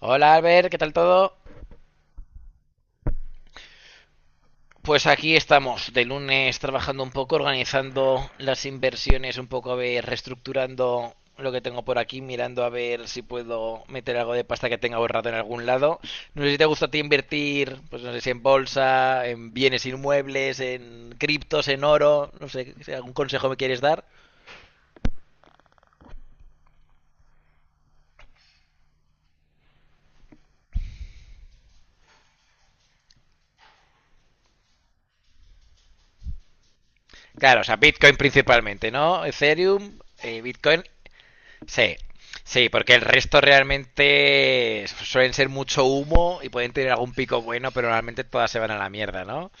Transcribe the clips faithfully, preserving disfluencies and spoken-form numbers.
Hola Albert, ¿qué tal todo? Pues aquí estamos, de lunes trabajando un poco, organizando las inversiones, un poco a ver, reestructurando lo que tengo por aquí, mirando a ver si puedo meter algo de pasta que tenga ahorrado en algún lado. No sé si te gusta a ti invertir, pues no sé si en bolsa, en bienes inmuebles, en criptos, en oro, no sé, si algún consejo me quieres dar. Claro, o sea, Bitcoin principalmente, ¿no? Ethereum, eh, Bitcoin. Sí, sí, porque el resto realmente suelen ser mucho humo y pueden tener algún pico bueno, pero realmente todas se van a la mierda, ¿no?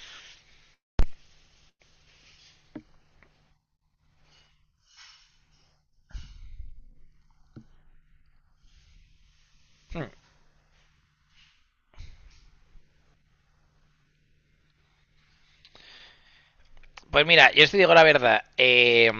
Hmm. Pues mira, yo os digo la verdad, eh,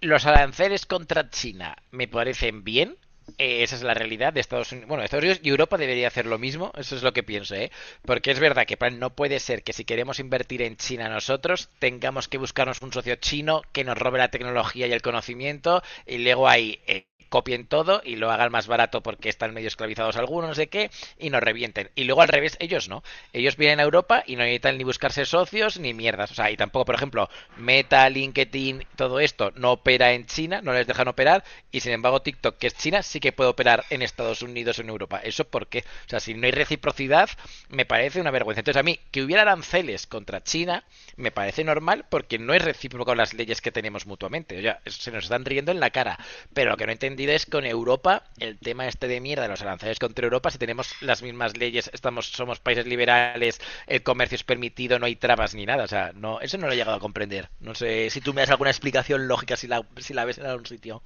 los aranceles contra China me parecen bien. Eh, esa es la realidad de Estados Unidos. Bueno, Estados Unidos y Europa debería hacer lo mismo. Eso es lo que pienso, ¿eh? Porque es verdad que no puede ser que si queremos invertir en China nosotros, tengamos que buscarnos un socio chino que nos robe la tecnología y el conocimiento y luego ahí eh, copien todo y lo hagan más barato porque están medio esclavizados algunos, no sé qué, y nos revienten. Y luego al revés, ellos no ellos vienen a Europa y no necesitan ni buscarse socios ni mierdas. O sea, y tampoco, por ejemplo, Meta, LinkedIn, todo esto no opera en China, no les dejan operar, y sin embargo TikTok, que es China, sí que puede operar en Estados Unidos o en Europa. ¿Eso por qué? O sea, si no hay reciprocidad, me parece una vergüenza. Entonces, a mí, que hubiera aranceles contra China, me parece normal, porque no es recíproco las leyes que tenemos mutuamente. O sea, se nos están riendo en la cara. Pero lo que no he entendido es con Europa, el tema este de mierda de los aranceles contra Europa, si tenemos las mismas leyes, estamos, somos países liberales, el comercio es permitido, no hay trabas ni nada. O sea, no, eso no lo he llegado a comprender. No sé si tú me das alguna explicación lógica si la, si la ves en algún sitio.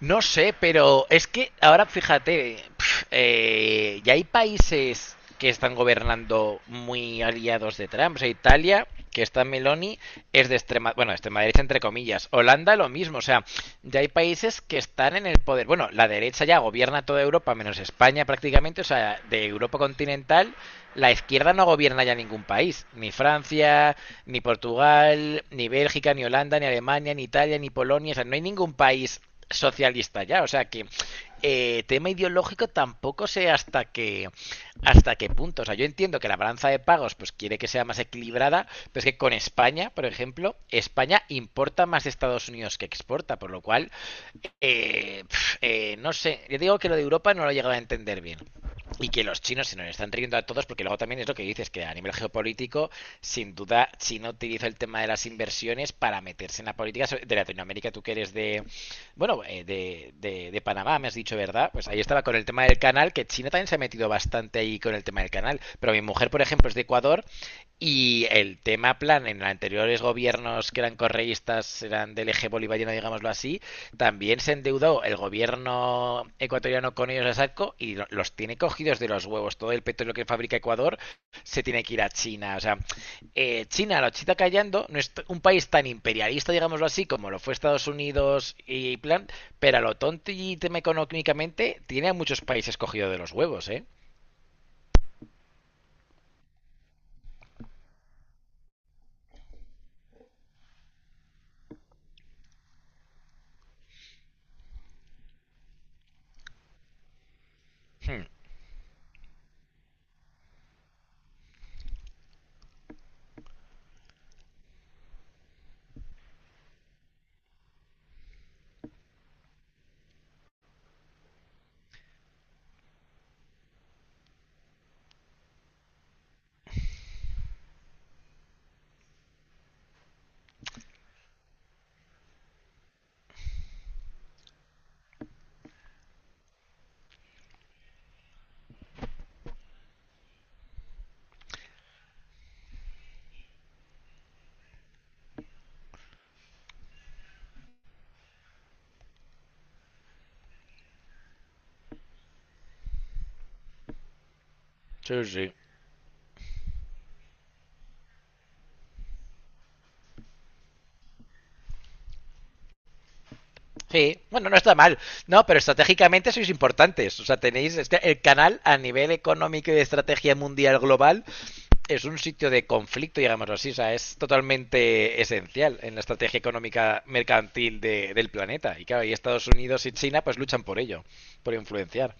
No sé, pero es que ahora fíjate, pf, eh, ya hay países que están gobernando muy aliados de Trump. O sea, Italia, que está Meloni, es de extrema, bueno, extrema derecha entre comillas. Holanda lo mismo, o sea, ya hay países que están en el poder. Bueno, la derecha ya gobierna toda Europa, menos España prácticamente, o sea, de Europa continental, la izquierda no gobierna ya ningún país, ni Francia, ni Portugal, ni Bélgica, ni Holanda, ni Alemania, ni Italia, ni Polonia, o sea, no hay ningún país socialista ya. O sea que eh, tema ideológico tampoco sé hasta qué hasta qué punto. O sea, yo entiendo que la balanza de pagos pues quiere que sea más equilibrada, pero es que con España, por ejemplo, España importa más de Estados Unidos que exporta, por lo cual eh, eh, no sé, yo digo que lo de Europa no lo he llegado a entender bien. Y que los chinos se nos están riendo a todos porque luego también es lo que dices, que a nivel geopolítico, sin duda, China utiliza el tema de las inversiones para meterse en la política sobre- de Latinoamérica. Tú que eres de, bueno, eh, de, de, de Panamá, me has dicho, ¿verdad? Pues ahí estaba con el tema del canal, que China también se ha metido bastante ahí con el tema del canal. Pero mi mujer, por ejemplo, es de Ecuador y el tema plan en los anteriores gobiernos que eran correístas, eran del eje bolivariano, digámoslo así, también se endeudó el gobierno ecuatoriano con ellos a saco y lo- los tiene cogidos de los huevos. Todo el petróleo que fabrica Ecuador se tiene que ir a China. O sea, eh, China lo chita callando, no es t- un país tan imperialista, digámoslo así, como lo fue Estados Unidos y plan, pero a lo tonto y tema económicamente tiene a muchos países cogidos de los huevos, ¿eh? Hmm. Sí, sí. Sí, bueno, no está mal. No, pero estratégicamente sois importantes. O sea, tenéis este- el canal a nivel económico y de estrategia mundial global es un sitio de conflicto, digámoslo así, o sea, es totalmente esencial en la estrategia económica mercantil de- del planeta. Y claro, y Estados Unidos y China pues luchan por ello, por influenciar.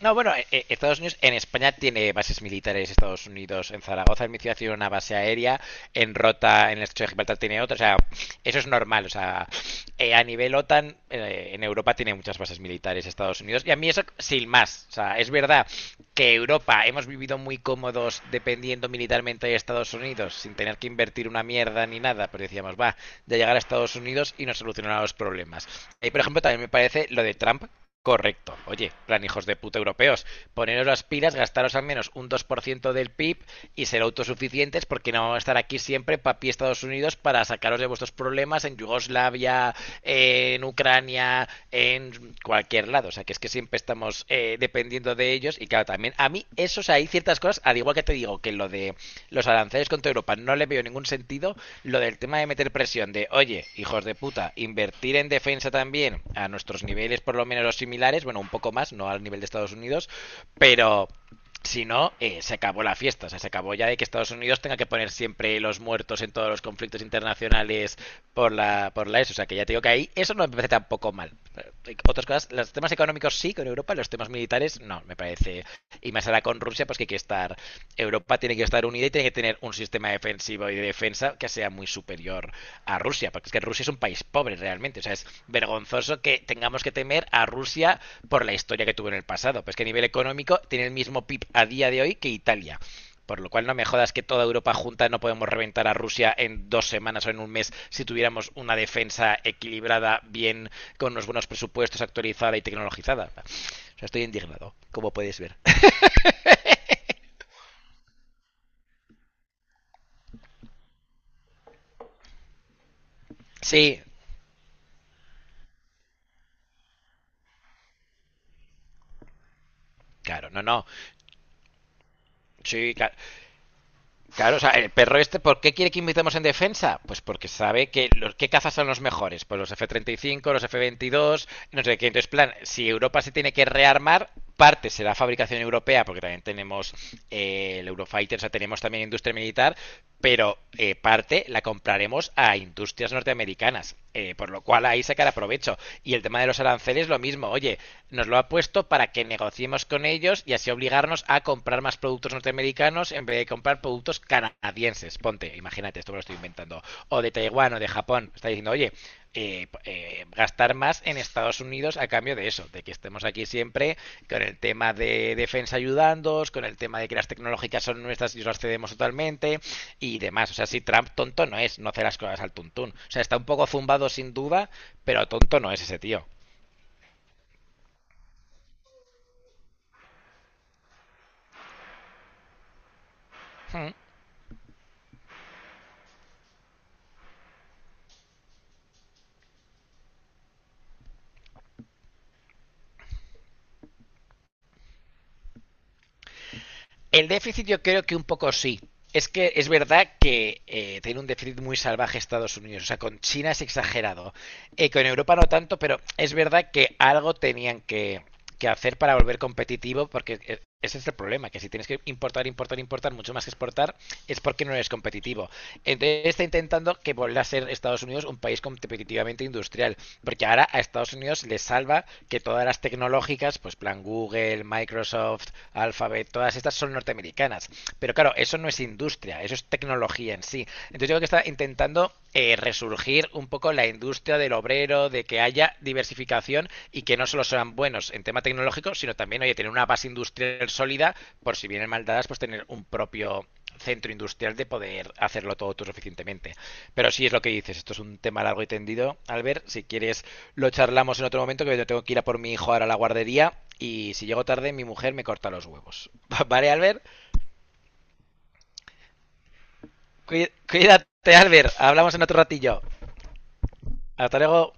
No, bueno, eh, eh, Estados Unidos en España tiene bases militares, Estados Unidos en Zaragoza, en mi ciudad tiene una base aérea, en Rota, en el estrecho de Gibraltar tiene otra, o sea, eso es normal, o sea, eh, a nivel OTAN, eh, en Europa tiene muchas bases militares Estados Unidos, y a mí eso sin más, o sea, es verdad que Europa hemos vivido muy cómodos dependiendo militarmente de Estados Unidos, sin tener que invertir una mierda ni nada, pero decíamos, va, de llegar a Estados Unidos y nos solucionará los problemas. Y por ejemplo, también me parece lo de Trump. Correcto. Oye, plan hijos de puta europeos, poneros las pilas, gastaros al menos un dos por ciento del P I B y ser autosuficientes porque no vamos a estar aquí siempre papi Estados Unidos para sacaros de vuestros problemas en Yugoslavia, en Ucrania, en cualquier lado. O sea, que es que siempre estamos estamos eh, dependiendo de ellos. Y claro, también a mí, eso, o sea, hay ciertas cosas, al igual que te digo que lo de los aranceles contra Europa no le veo ningún sentido, lo del tema de meter presión de, oye, hijos de puta, invertir en defensa también a nuestros niveles por lo menos los similares, bueno, un poco más, no al nivel de Estados Unidos, pero si no, eh, se acabó la fiesta. O sea, se acabó ya de que Estados Unidos tenga que poner siempre los muertos en todos los conflictos internacionales por la, por la ESO. O sea, que ya te digo que ahí eso no me parece tampoco mal. Otras cosas, los temas económicos sí con Europa, los temas militares no, me parece. Y más ahora con Rusia, pues que hay que estar Europa tiene que estar unida y tiene que tener un sistema defensivo y de defensa que sea muy superior a Rusia, porque es que Rusia es un país pobre realmente, o sea, es vergonzoso que tengamos que temer a Rusia por la historia que tuvo en el pasado, pues que a nivel económico tiene el mismo P I B a día de hoy que Italia. Por lo cual no me jodas que toda Europa junta no podemos reventar a Rusia en dos semanas o en un mes si tuviéramos una defensa equilibrada, bien, con unos buenos presupuestos, actualizada y tecnologizada. O sea, estoy indignado, como podéis ver. Sí. Claro, no, no. Sí, claro. claro, o sea, el perro este, ¿por qué quiere que invitemos en defensa? Pues porque sabe que los que cazas son los mejores, pues los F treinta y cinco, los F veintidós, no sé qué. Entonces, plan, si Europa se tiene que rearmar, parte será fabricación europea, porque también tenemos eh, el Eurofighter, o sea, tenemos también industria militar, pero eh, parte la compraremos a industrias norteamericanas, eh, por lo cual ahí sacará provecho. Y el tema de los aranceles, lo mismo, oye, nos lo ha puesto para que negociemos con ellos y así obligarnos a comprar más productos norteamericanos en vez de comprar productos canadienses. Ponte, imagínate, esto me lo estoy inventando. O de Taiwán o de Japón. Está diciendo, oye, eh, eh, gastar más en Estados Unidos a cambio de eso, de que estemos aquí siempre con el tema de defensa ayudándoos, con el tema de que las tecnológicas son nuestras y os las cedemos totalmente y demás. O sea, si Trump tonto no es, no hace las cosas al tuntún. O sea, está un poco zumbado sin duda, pero tonto no es ese tío. Hmm. El déficit yo creo que un poco sí. Es que es verdad que eh, tiene un déficit muy salvaje Estados Unidos. O sea, con China es exagerado. Eh, con Europa no tanto, pero es verdad que algo tenían que, que hacer para volver competitivo, porque eh, ese es el problema, que si tienes que importar, importar, importar mucho más que exportar, es porque no eres competitivo. Entonces está intentando que vuelva a ser Estados Unidos un país competitivamente industrial, porque ahora a Estados Unidos le salva que todas las tecnológicas, pues plan Google, Microsoft, Alphabet, todas estas son norteamericanas. Pero claro, eso no es industria, eso es tecnología en sí. Entonces yo creo está intentando eh, resurgir un poco la industria del obrero, de que haya diversificación y que no solo sean buenos en tema tecnológico, sino también, oye, tener una base industrial sólida, por si vienen maldadas, pues tener un propio centro industrial de poder hacerlo todo tú suficientemente. Pero sí es lo que dices, esto es un tema largo y tendido. Albert, si quieres lo charlamos en otro momento, que yo tengo que ir a por mi hijo ahora a la guardería y si llego tarde mi mujer me corta los huevos. ¿Vale, Albert? Cuídate, Albert. Hablamos en otro ratillo. Hasta luego.